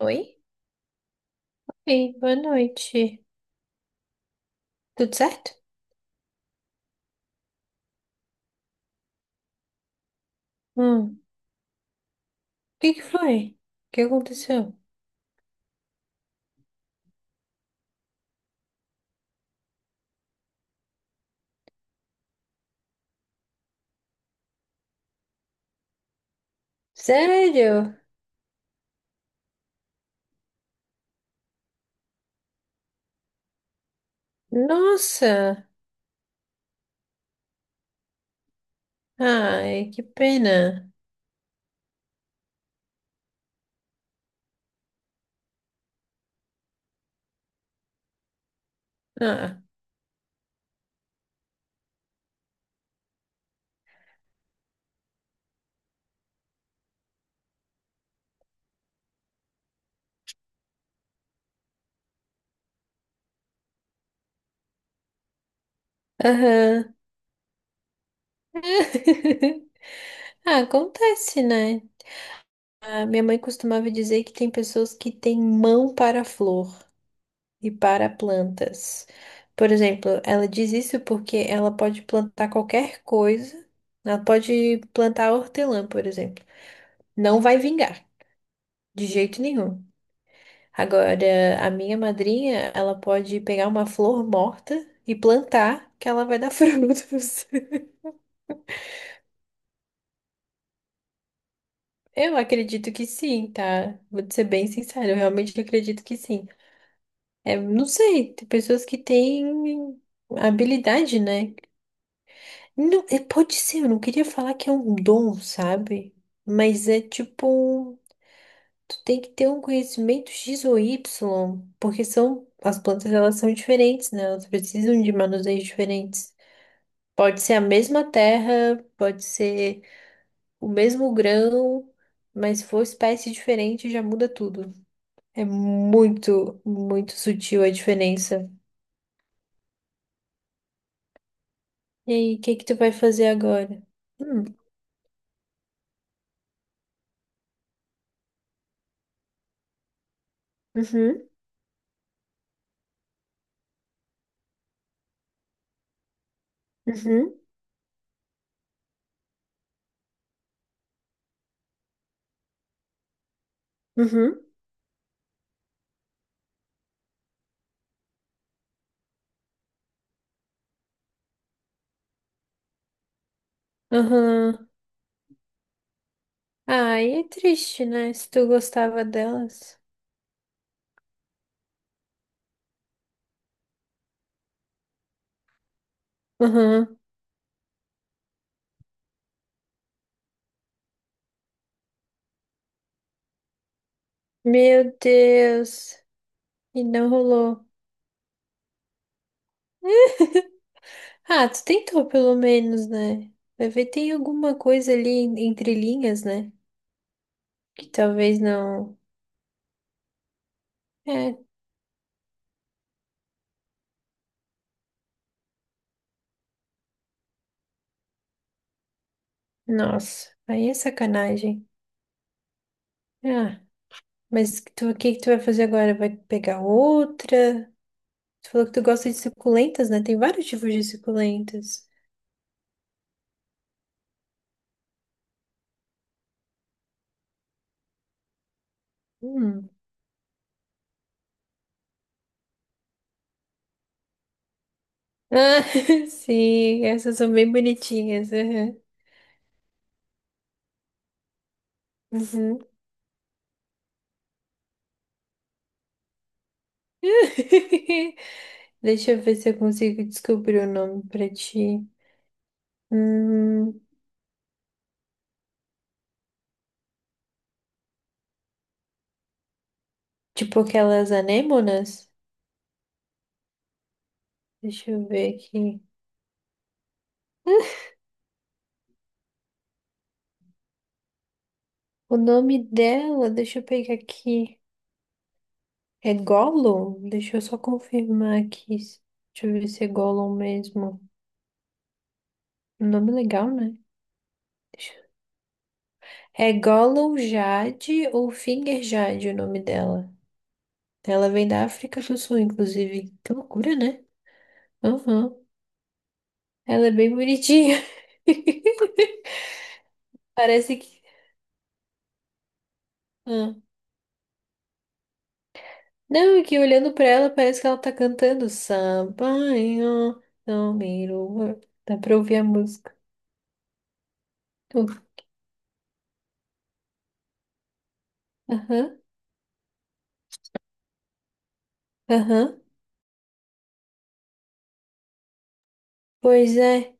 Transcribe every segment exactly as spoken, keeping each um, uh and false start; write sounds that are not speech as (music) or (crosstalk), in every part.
Oi? Ei, boa noite. Tudo certo? Hum, o que que foi? O que aconteceu? Sério? Nossa! Ai, que pena. Ah, aham. (laughs) Ah, acontece, né? A minha mãe costumava dizer que tem pessoas que têm mão para flor e para plantas. Por exemplo, ela diz isso porque ela pode plantar qualquer coisa. Ela pode plantar hortelã, por exemplo. Não vai vingar. De jeito nenhum. Agora, a minha madrinha, ela pode pegar uma flor morta e plantar, que ela vai dar (laughs) frutos. Eu acredito que sim, tá? Vou te ser bem sincera, eu realmente acredito que sim. É, não sei, tem pessoas que têm habilidade, né? Não, é, pode ser, eu não queria falar que é um dom, sabe? Mas é tipo um, tu tem que ter um conhecimento X ou Y, porque são as plantas, elas são diferentes, né? Elas precisam de manuseios diferentes. Pode ser a mesma terra, pode ser o mesmo grão, mas se for espécie diferente já muda tudo. É muito, muito sutil a diferença. E aí, o que que tu vai fazer agora? Hum, uhum, uhum, uhum, aham. Ah, aí é triste, né? Se tu gostava delas. Aham. Meu Deus. E não rolou. Ah, tu tentou pelo menos, né? Vai ver, tem alguma coisa ali en- entre linhas, né? Que talvez não. É, nossa, aí é sacanagem. Ah, mas tu, o que que tu vai fazer agora? Vai pegar outra? Tu falou que tu gosta de suculentas, né? Tem vários tipos de suculentas. Hum. Ah, (laughs) sim, essas são bem bonitinhas. Aham. Uhum. (laughs) Deixa eu ver se eu consigo descobrir o nome pra ti. Hum. Tipo aquelas anêmonas. Deixa eu ver aqui. (laughs) O nome dela, deixa eu pegar aqui. É Gollum? Deixa eu só confirmar aqui. Deixa eu ver se é Gollum mesmo. Um nome legal, né? Deixa eu- É Gollum Jade ou Finger Jade o nome dela. Ela vem da África do Sul, inclusive. Que loucura, né? Aham. Ela é bem bonitinha. (laughs) Parece que. Não, é que olhando pra ela parece que ela tá cantando samba, ó, não me lua. Dá pra ouvir a música. Uh, Aham, aham. Pois é,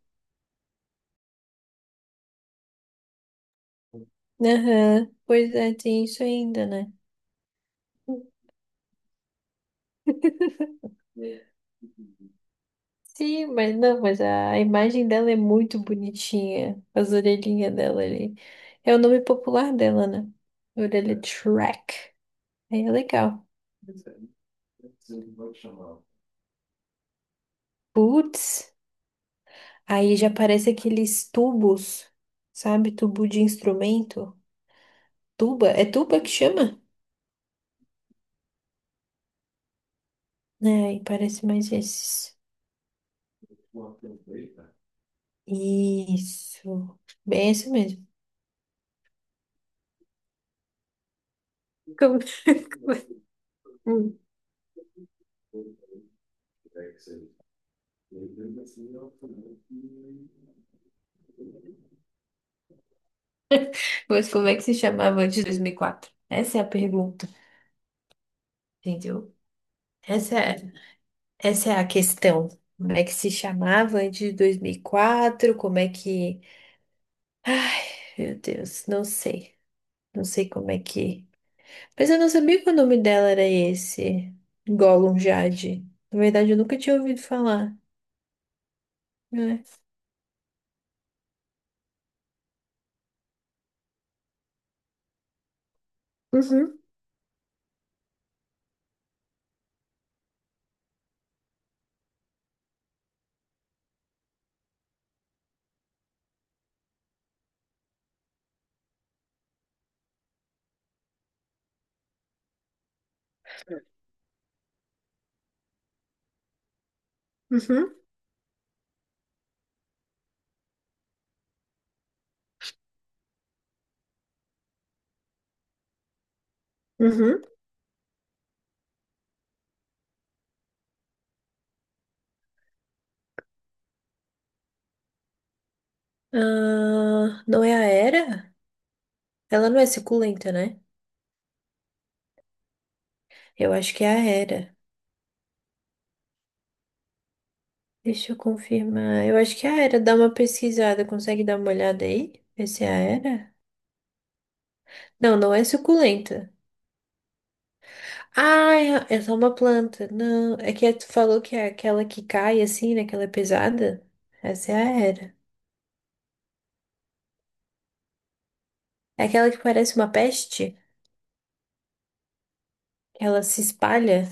aham. Pois é, tem isso ainda, né? Sim, mas não, mas a imagem dela é muito bonitinha. As orelhinhas dela ali. É o nome popular dela, né? Orelha de Shrek. Aí é legal. Putz, aí já parece aqueles tubos, sabe? Tubo de instrumento. Tuba? É tuba que chama? É, aí parece mais esses. Isso. Bem, é isso mesmo. Como- (laughs) Hum. Mas como é que se chamava antes de dois mil e quatro? Essa é a pergunta, entendeu? Essa é, essa é a questão. Como é que se chamava antes de dois mil e quatro? Como é que. Ai, meu Deus, não sei. Não sei como é que. Mas eu não sabia que o nome dela era esse. Gollum Jade. Na verdade, eu nunca tinha ouvido falar, né? Uhum, uhum. Uhum. Ah, não é a Hera? Ela não é suculenta, né? Eu acho que é a Hera. Deixa eu confirmar. Eu acho que é a Hera. Dá uma pesquisada. Consegue dar uma olhada aí? Ver se é a Hera? Não, não é suculenta. Ah, é é só uma planta. Não, é que tu falou que é aquela que cai assim, né? Que ela é pesada. Essa é a Hera. É aquela que parece uma peste? Que ela se espalha?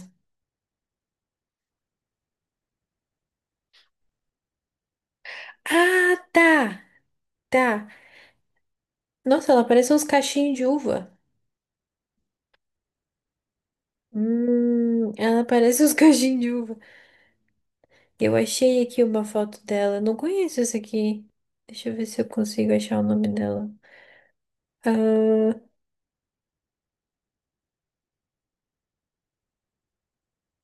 Ah, tá! Tá. Nossa, ela parece uns cachinhos de uva. Hum, ela parece os cachimbo (laughs) de uva. Eu achei aqui uma foto dela. Não conheço essa aqui. Deixa eu ver se eu consigo achar o nome dela. Ah,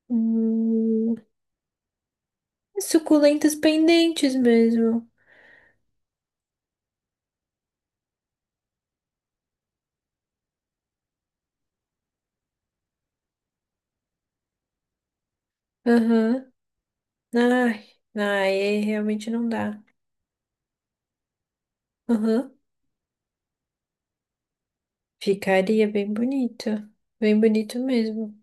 hum, suculentas pendentes mesmo. Aham. Ai, ai, é, realmente não dá. Aham. Ficaria bem bonito. Bem bonito mesmo.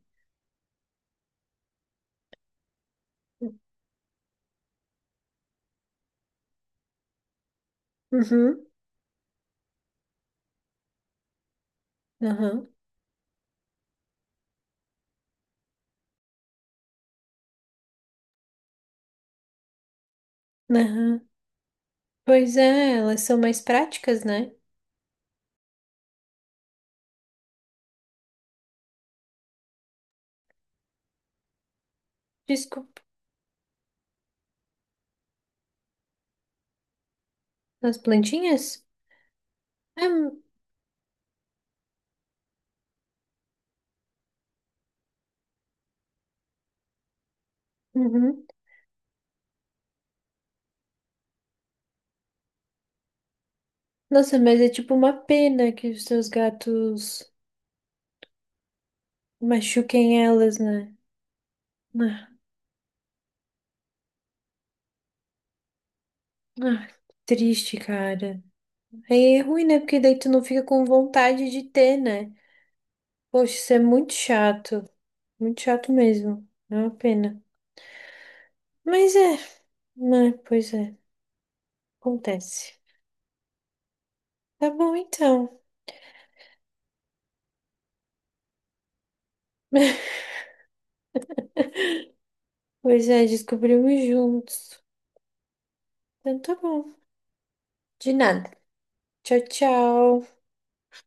Uhum. Aham. Aham. Pois é, elas são mais práticas, né? Desculpa. As plantinhas? É, uhum. Nossa, mas é tipo uma pena que os seus gatos machuquem elas, né? Ah, ah, que triste, cara. Aí é ruim, né? Porque daí tu não fica com vontade de ter, né? Poxa, isso é muito chato. Muito chato mesmo. É uma pena. Mas é, né? Pois é, acontece. Tá bom então. (laughs) Pois é, descobrimos juntos. Então tá bom. De nada. Tchau, tchau.